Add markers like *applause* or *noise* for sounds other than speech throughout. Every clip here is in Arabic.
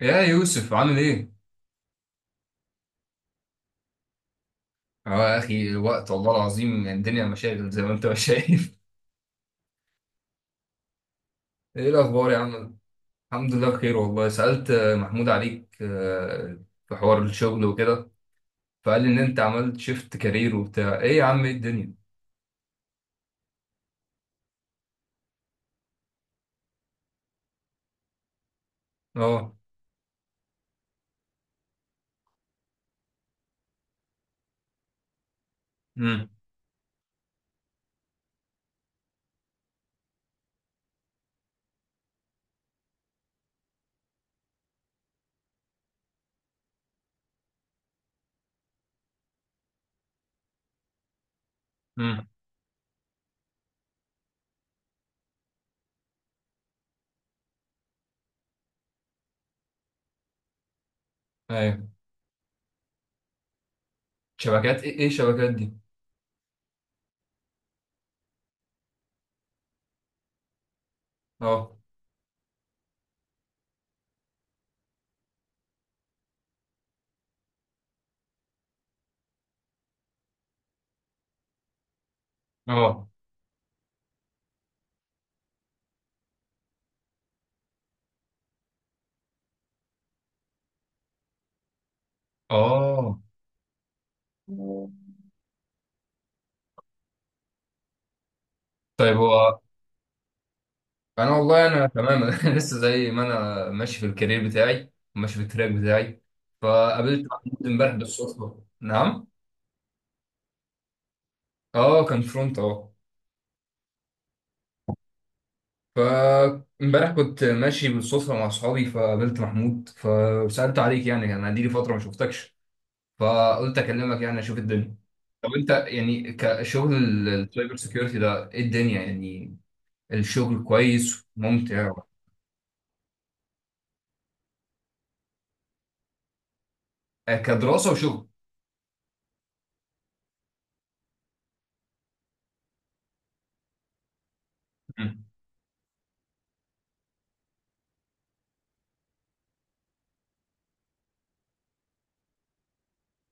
يا يوسف عامل ايه؟ اه، يا اخي الوقت والله العظيم يعني الدنيا مشاغل زي ما انت ما شايف. *laughs* ايه الاخبار يا عم؟ الحمد لله بخير والله. سألت محمود عليك، في حوار الشغل وكده، فقال لي ان انت عملت شيفت كارير وبتاع ايه يا عم ايه الدنيا؟ اه. امم. امم. ايوه. شبكات ايه؟ ايه الشبكات دي؟ اه. اه. اه. طيب. هو انا والله انا تمام. *laughs* أنا لسه زي ما انا ماشي في الكارير بتاعي وماشي في التراك بتاعي. فقابلت محمود امبارح بالصدفه. نعم، اه كان فرونت، اه. فامبارح كنت ماشي بالصدفه مع اصحابي فقابلت محمود فسالت عليك، يعني انا دي فتره ما شفتكش، فقلت اكلمك يعني اشوف الدنيا. طب انت يعني كشغل السايبر سيكيورتي ده ايه الدنيا يعني، الشغل كويس ممتع؟ كدراسه وشغل. مم.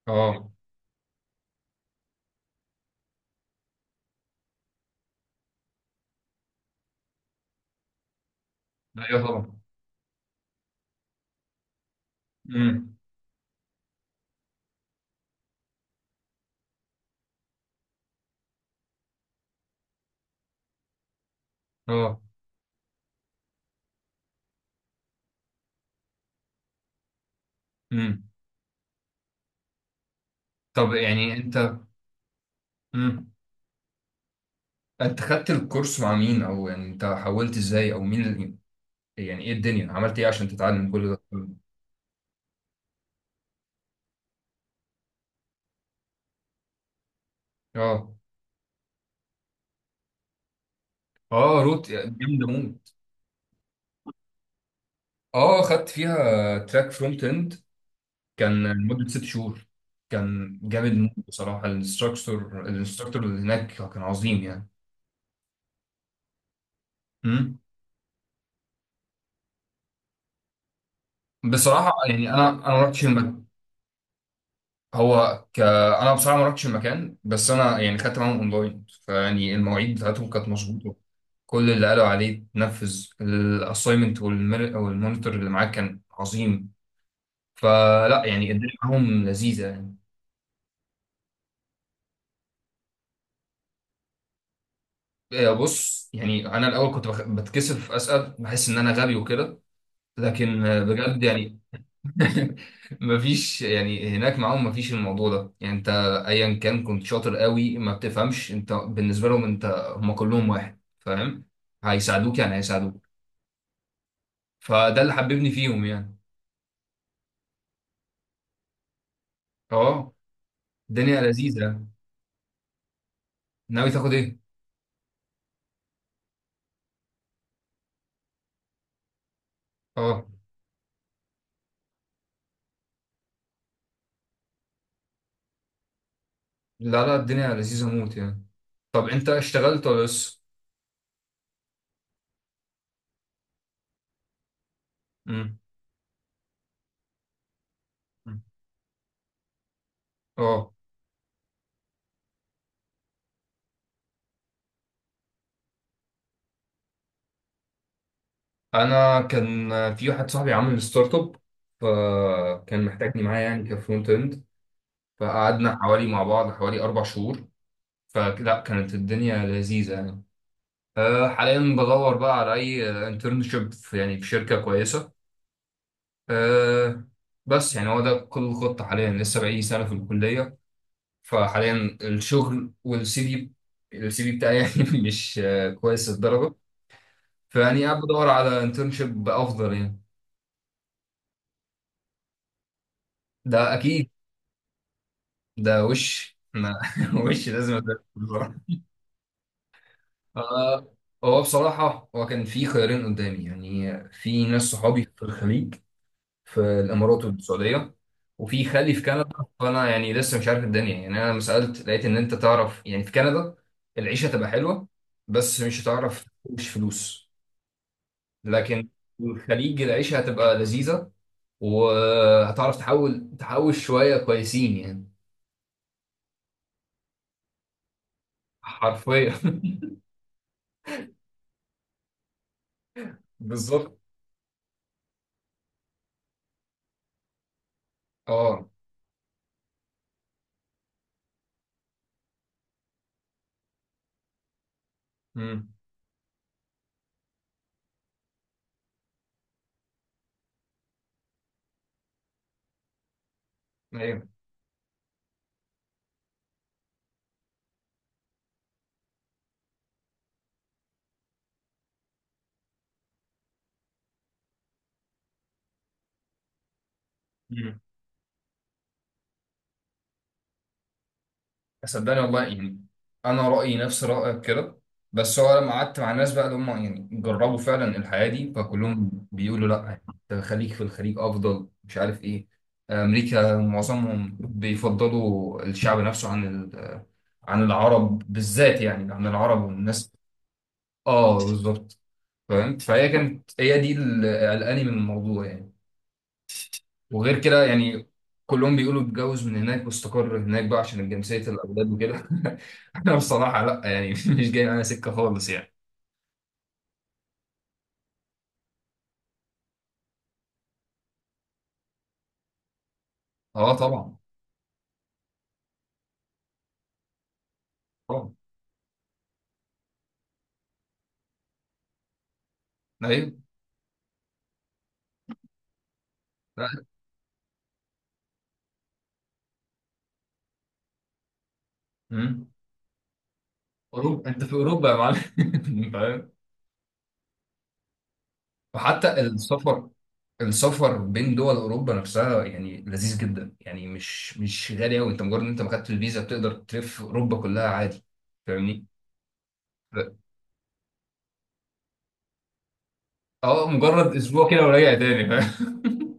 اه. ايوه طبعا. مم. اه. امم. طب يعني انت، امم، انت خدت الكورس مع مين، او يعني انت حولت ازاي، او مين اللي... يعني ايه الدنيا، عملت ايه عشان تتعلم كل ده؟ مم. اه. اه روت جامده موت. اه خدت فيها تراك فرونت اند كان لمده ست شهور. كان جامد موت بصراحه، الانستراكتور اللي هناك كان عظيم يعني. امم. بصراحه يعني انا ما رحتش المكان. هو انا بصراحه ما رحتش المكان، بس انا يعني خدت معاهم اونلاين، فيعني المواعيد بتاعتهم كانت مظبوطه، كل اللي قالوا عليه نفذ، الاساينمنت والمونيتور اللي معاك كان عظيم. فلا يعني الدنيا معاهم لذيذه يعني. بص يعني انا الاول كنت بتكسف اسال، بحس ان انا غبي وكده، لكن بجد يعني. *laughs* مفيش يعني هناك معاهم، مفيش الموضوع ده يعني. انت ايا كان كنت شاطر قوي، ما بتفهمش، انت بالنسبه لهم انت، هم كلهم واحد، فاهم؟ هيساعدوك يعني، هيساعدوك. فده اللي حببني فيهم يعني. اه. الدنيا لذيذه يعني. ناوي تاخد ايه؟ اه. لا لا، الدنيا لذيذة موت يعني. طب انت اشتغلت ولا لسه؟ مم. مم. اه. انا كان في واحد صاحبي عامل ستارت اب، فكان محتاجني معاه يعني كفرونت اند. فقعدنا حوالي مع بعض حوالي اربع شهور. فلا كانت الدنيا لذيذة يعني. أه حاليا بدور بقى على اي انترنشيب في، يعني في شركة كويسة. أه بس يعني هو ده كل الخطة حاليا، لسه بقالي سنة في الكلية. فحاليا الشغل والسي، في السي في بتاعي يعني *laughs* مش كويس الدرجة، فيعني قاعد بدور على انترنشيب افضل يعني. ده اكيد. ده وش ما *laughs* وش لازم أتدرب بصراحة. آه، هو بصراحة هو كان في خيارين قدامي، يعني في ناس صحابي في الخليج، في الامارات والسعودية، وفي خالي في كندا. فانا يعني لسه مش عارف الدنيا، يعني انا لما سألت لقيت ان انت تعرف يعني في كندا العيشة تبقى حلوة بس مش هتعرف تحوش فلوس، لكن الخليج العيشة هتبقى لذيذة وهتعرف تحوش شوية كويسين يعني. حرفيا. *laughs* بالظبط. اه. امم. ايوه. امم. صدقني والله يعني انا رأيي نفس رأيك كده، بس هو لما قعدت مع الناس بقى اللي هم يعني جربوا فعلا الحياة دي فكلهم بيقولوا لا يعني، أنت خليك في الخليج افضل، مش عارف ايه. امريكا معظمهم بيفضلوا الشعب نفسه عن عن العرب بالذات، يعني عن العرب والناس. اه بالظبط. فاهم؟ فهي كانت هي دي اللي قلقاني من الموضوع يعني، وغير كده يعني كلهم بيقولوا اتجوز من هناك واستقر هناك بقى عشان جنسية الأولاد وكده. *laughs* أنا بصراحة لأ يعني *laughs* مش جاي معايا سكة خالص يعني. أه طبعا. طبعا. أيوه. لأ. أمم. أوروبا، أنت في أوروبا يا معلم. *laughs* فاهم؟ وحتى السفر، السفر بين دول أوروبا نفسها يعني لذيذ جدا يعني، مش غالي أوي. أنت مجرد إن أنت ما خدت الفيزا بتقدر تلف أوروبا كلها عادي، فاهمني؟ اه مجرد اسبوع كده وراجع تاني، فاهم؟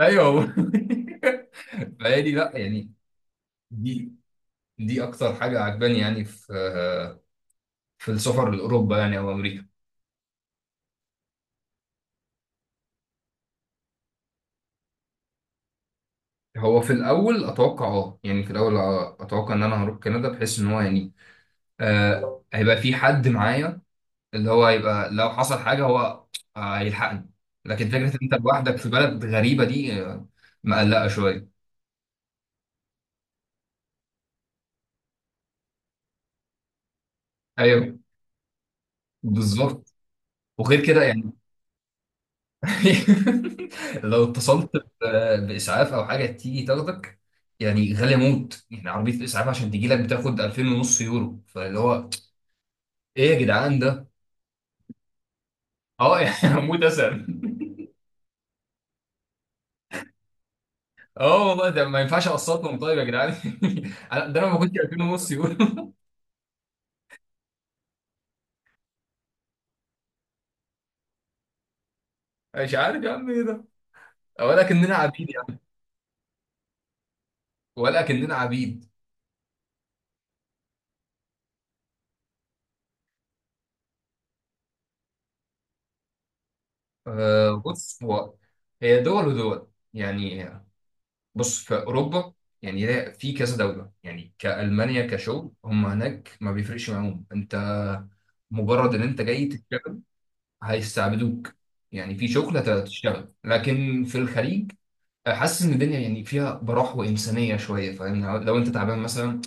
*laughs* ايوه والله. *laughs* فهي دي لا يعني، دي دي اكتر حاجه عجباني يعني في، في السفر لاوروبا يعني او امريكا. هو في الاول اتوقع، اه يعني في الاول اتوقع ان انا هروح كندا بحيث ان هو يعني آه هيبقى في حد معايا، اللي هو هيبقى لو حصل حاجه هو آه هيلحقني، لكن فكره ان انت لوحدك في بلد غريبه دي، مقلقه شويه. ايوه بالظبط. وغير كده يعني. *laughs* لو اتصلت باسعاف او حاجه تيجي تاخدك، يعني غاليه موت يعني، عربيه الاسعاف عشان تجي لك بتاخد 2000 ونص يورو، فاللي هو ايه يا جدعان ده؟ اه يعني *laughs* هموت اسهل. اه والله ده ما ينفعش اقسطهم طيب يا جدعان؟ *laughs* أنا- ده انا ما كنتش 2000 ونص يورو. *laughs* مش عارف يا عم ايه ده، ولا كأننا عبيد يا عم، ولا كأننا عبيد. آه بص هو هي دول ودول يعني. بص في اوروبا يعني، لا، في كذا دوله يعني كالمانيا كشغل هم هناك ما بيفرقش معاهم انت، مجرد ان انت جاي تشتغل هيستعبدوك، يعني في شغل هتشتغل. لكن في الخليج حاسس ان الدنيا يعني فيها براح وانسانيه شويه، فاهم؟ لو انت تعبان مثلا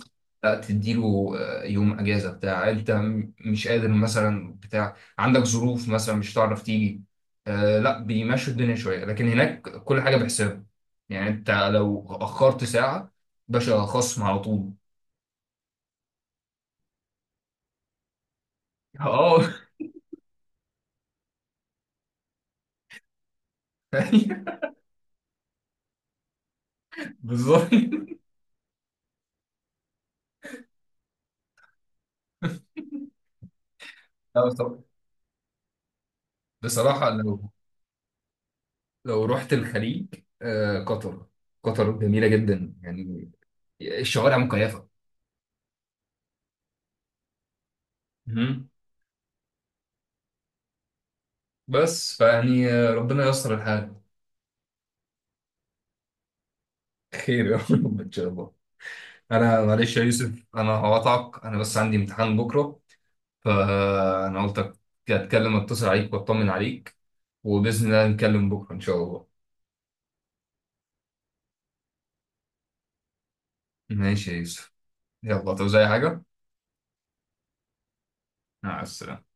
لا تديله يوم اجازه، بتاع انت مش قادر مثلا، بتاع عندك ظروف مثلا مش هتعرف تيجي، لا بيمشوا الدنيا شويه. لكن هناك كل حاجه بحساب يعني، انت لو اخرت ساعه باشا خصم على طول. اه. *laughs* بالظبط. لا، بصراحة، بصراحة لو، لو رحت الخليج، قطر، قطر جميلة جدا يعني، الشوارع مكيفة. مهم. بس فيعني، ربنا ييسر الحال. خير يا رب ان شاء الله. انا معلش يا يوسف انا هقطعك، انا بس عندي امتحان بكره، فانا قلت اتكلم، اتصل عليك واطمن عليك، وباذن الله نتكلم بكره ان شاء الله. ماشي يا يوسف، يلا تعوز اي حاجه. مع السلامه.